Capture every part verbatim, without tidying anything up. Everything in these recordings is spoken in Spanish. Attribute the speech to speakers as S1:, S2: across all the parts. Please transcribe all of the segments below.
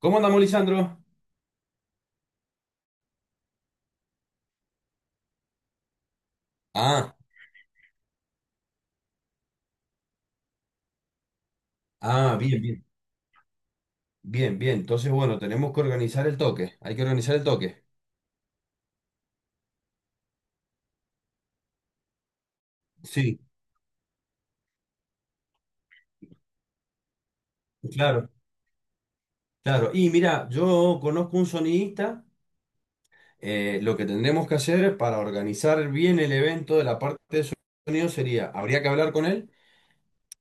S1: ¿Cómo andamos, Lisandro? Ah, ah, bien, bien, bien, bien. Entonces, bueno, tenemos que organizar el toque. Hay que organizar el toque. Sí, claro, claro. Y mira, yo conozco un sonidista. Eh, lo que tendremos que hacer para organizar bien el evento de la parte de sonido sería, habría que hablar con él.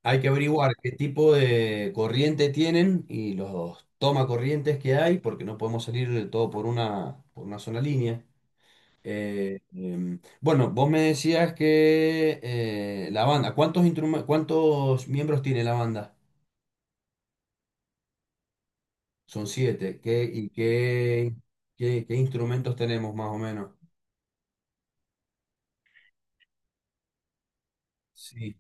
S1: Hay que averiguar qué tipo de corriente tienen y los toma corrientes que hay, porque no podemos salir de todo por una, por una sola línea. Eh, em, bueno, vos me decías que eh, la banda, ¿cuántos instrumen- cuántos miembros tiene la banda? Son siete. ¿Qué, y qué, qué, qué instrumentos tenemos más o menos? Sí,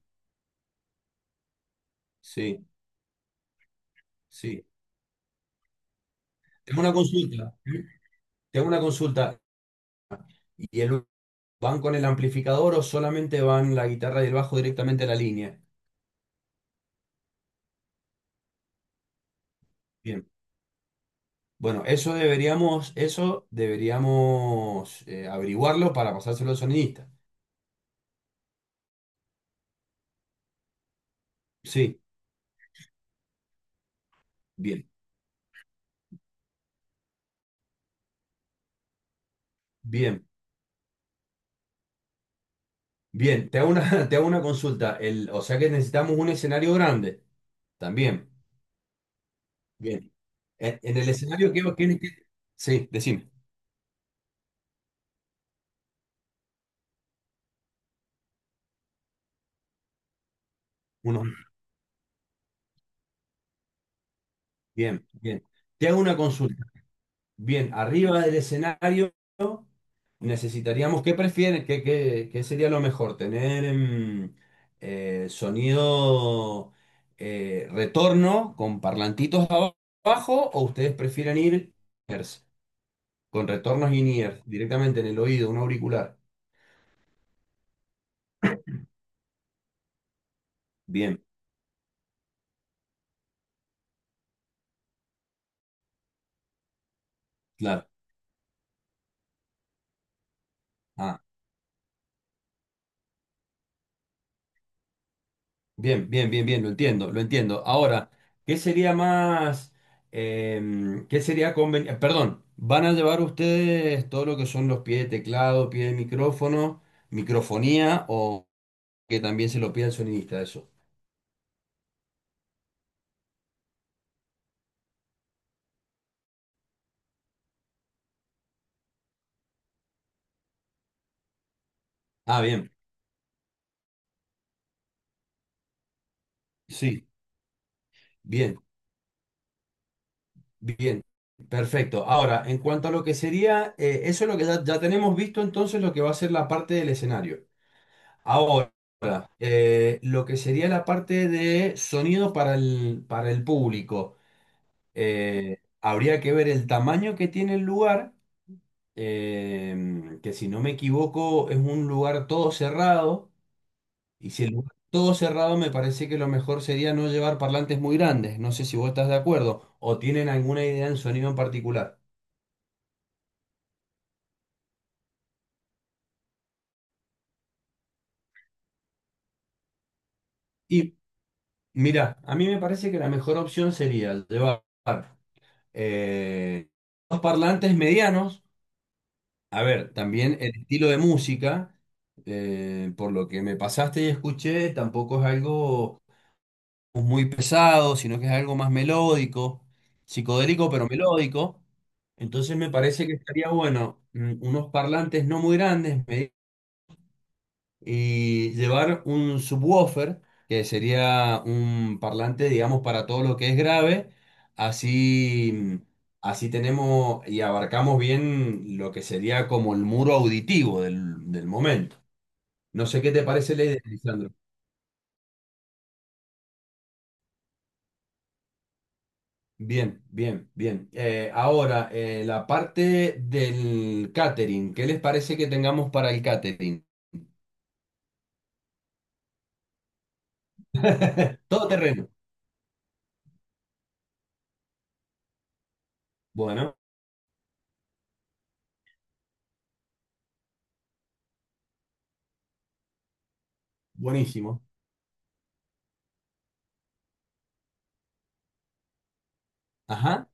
S1: sí, sí. Tengo una consulta. ¿Eh? Tengo una consulta. ¿Y el, van con el amplificador o solamente van la guitarra y el bajo directamente a la línea? Bien. Bueno, eso deberíamos, eso deberíamos eh, averiguarlo para pasárselo al sonidista. Sí, bien, bien. Bien, te hago una, te hago una consulta. El, o sea que necesitamos un escenario grande también. Bien. En, en el escenario que tienes que... Sí, decime. Uno. Bien, bien. Te hago una consulta. Bien, arriba del escenario necesitaríamos, ¿qué prefieres? ¿Qué, qué- qué sería lo mejor? ¿Tener em, eh, sonido eh, retorno con parlantitos aba- abajo o ustedes prefieren ir ears, con retornos in-ear directamente en el oído, un auricular? Bien, claro. Ah, bien, bien, bien, bien, lo entiendo, lo entiendo. Ahora, ¿qué sería más, em, qué sería conveniente? Perdón, ¿van a llevar ustedes todo lo que son los pies de teclado, pie de micrófono, microfonía o que también se lo pida el sonidista eso? Ah, bien, sí, bien, bien, perfecto. Ahora, en cuanto a lo que sería, eh, eso es lo que ya, ya tenemos visto entonces lo que va a ser la parte del escenario. Ahora, eh, lo que sería la parte de sonido para el, para el público. Eh, habría que ver el tamaño que tiene el lugar, eh, que si no me equivoco es un lugar todo cerrado, y si el lugar es todo cerrado me parece que lo mejor sería no llevar parlantes muy grandes. No sé si vos estás de acuerdo o tienen alguna idea en sonido en particular. Y mira, a mí me parece que la mejor opción sería llevar eh, dos parlantes medianos. A ver, también el estilo de música, eh, por lo que me pasaste y escuché, tampoco es algo muy pesado, sino que es algo más melódico, psicodélico pero melódico. Entonces me parece que estaría bueno, mm, unos parlantes no muy grandes, y llevar un subwoofer, que sería un parlante, digamos, para todo lo que es grave. Así, así tenemos y abarcamos bien lo que sería como el muro auditivo del, del momento. No sé qué te parece la idea, Lisandro. Bien, bien, bien. Eh, ahora, eh, la parte del catering. ¿Qué les parece que tengamos para el catering? Todo terreno. Bueno, buenísimo. Ajá.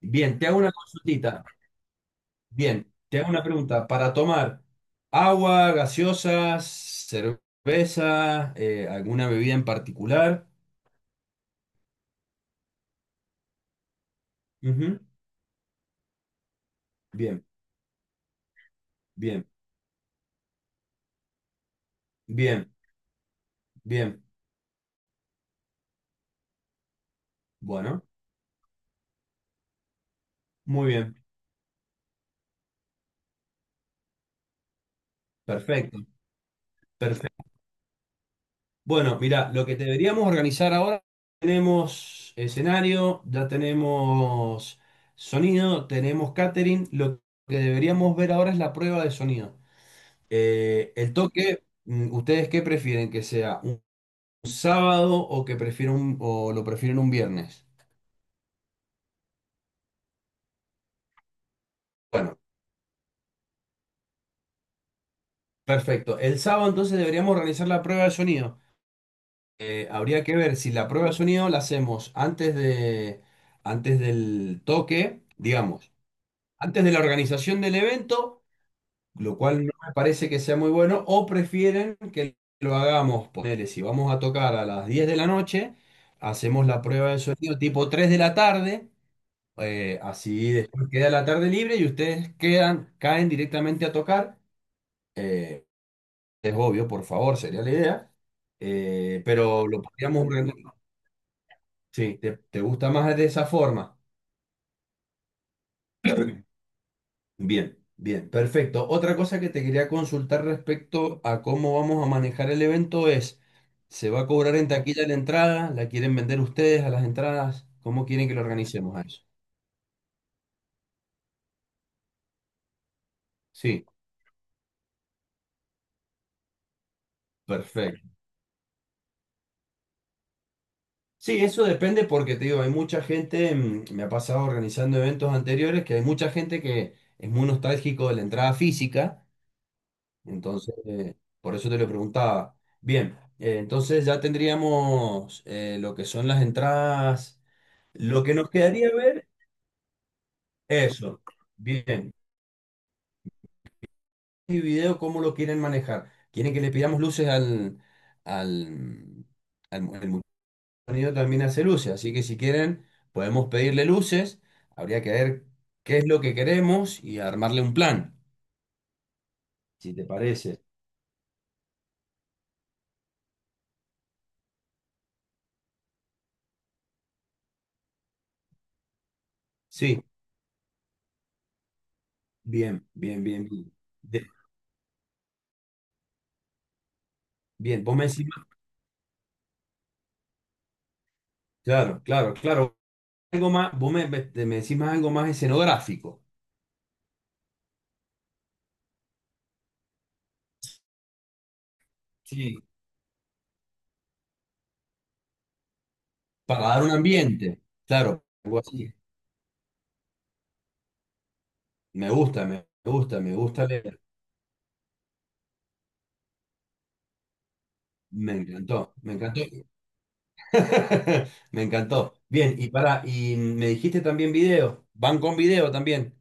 S1: Bien, te hago una consultita. Bien, te hago una pregunta. Para tomar agua, gaseosas, cerveza, eh, alguna bebida en particular. Ujú. Bien, bien, bien, bien. Bueno, muy bien. Perfecto, perfecto. Bueno, mira, lo que deberíamos organizar ahora, tenemos escenario, ya tenemos sonido, tenemos catering. Lo que deberíamos ver ahora es la prueba de sonido. Eh, el toque, mm, ¿ustedes qué prefieren? ¿Que sea un sábado o que prefiero un- o lo prefieren un viernes? Bueno, perfecto. El sábado entonces deberíamos organizar la prueba de sonido. Eh, habría que ver si la prueba de sonido la hacemos antes de, antes del toque, digamos, antes de la organización del evento, lo cual no me parece que sea muy bueno, o prefieren que lo hagamos, ponele, si vamos a tocar a las diez de la noche, hacemos la prueba de sonido tipo tres de la tarde. Eh, así después queda la tarde libre y ustedes quedan, caen directamente a tocar. Eh, es obvio, por favor, sería la idea. Eh, pero lo podríamos organizar. Sí, ¿te, te gusta más de esa forma? Bien, bien, perfecto. Otra cosa que te quería consultar respecto a cómo vamos a manejar el evento es, ¿se va a cobrar en taquilla la entrada? ¿La quieren vender ustedes a las entradas? ¿Cómo quieren que lo organicemos a eso? Sí, perfecto. Sí, eso depende porque te digo, hay mucha gente, mm, me ha pasado organizando eventos anteriores, que hay mucha gente que es muy nostálgico de la entrada física, entonces, eh, por eso te lo preguntaba. Bien, eh, entonces ya tendríamos eh, lo que son las entradas, lo que nos quedaría ver, eso, bien, y video, ¿cómo lo quieren manejar? ¿Quieren que le pidamos luces? al, al, al mu- el sonido también hace luces, así que si quieren podemos pedirle luces. Habría que ver qué es lo que queremos y armarle un plan, si te parece. Sí, bien, bien, bien, bien. De- Bien, vos me decís más- claro, claro, claro, algo más, vos me, me me decís más algo más escenográfico. Sí, para dar un ambiente, claro, algo así. Me gusta, me gusta, me gusta leer. Me encantó, me encantó. Me encantó. Bien, y para, y me dijiste también video, van con video también.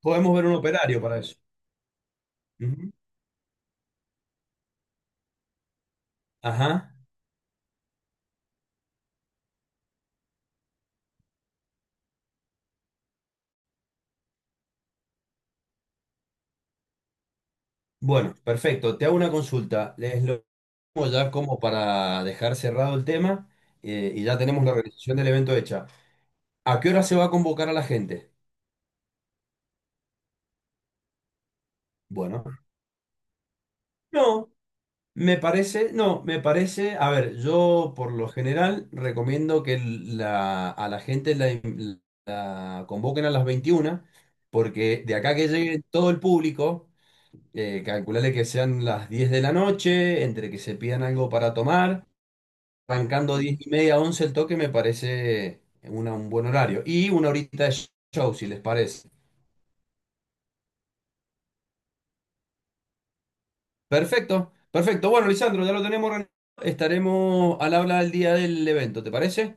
S1: Podemos ver un operario para eso. Ujú. Ajá. Bueno, perfecto. Te hago una consulta. Les lo pongo ya como para dejar cerrado el tema eh, y ya tenemos la organización del evento hecha. ¿A qué hora se va a convocar a la gente? Bueno, no, me parece, no, me parece, a ver, yo por lo general recomiendo que la, a la gente la, la convoquen a las veintiuna porque de acá que llegue todo el público. Eh, calculale que sean las diez de la noche, entre que se pidan algo para tomar. Arrancando diez y media, once el toque me parece una- un buen horario. Y una horita de show, si les parece. Perfecto, perfecto. Bueno, Lisandro, ya lo tenemos organizado. Estaremos al habla el día del evento, ¿te parece?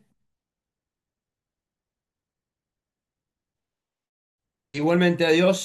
S1: Igualmente, adiós.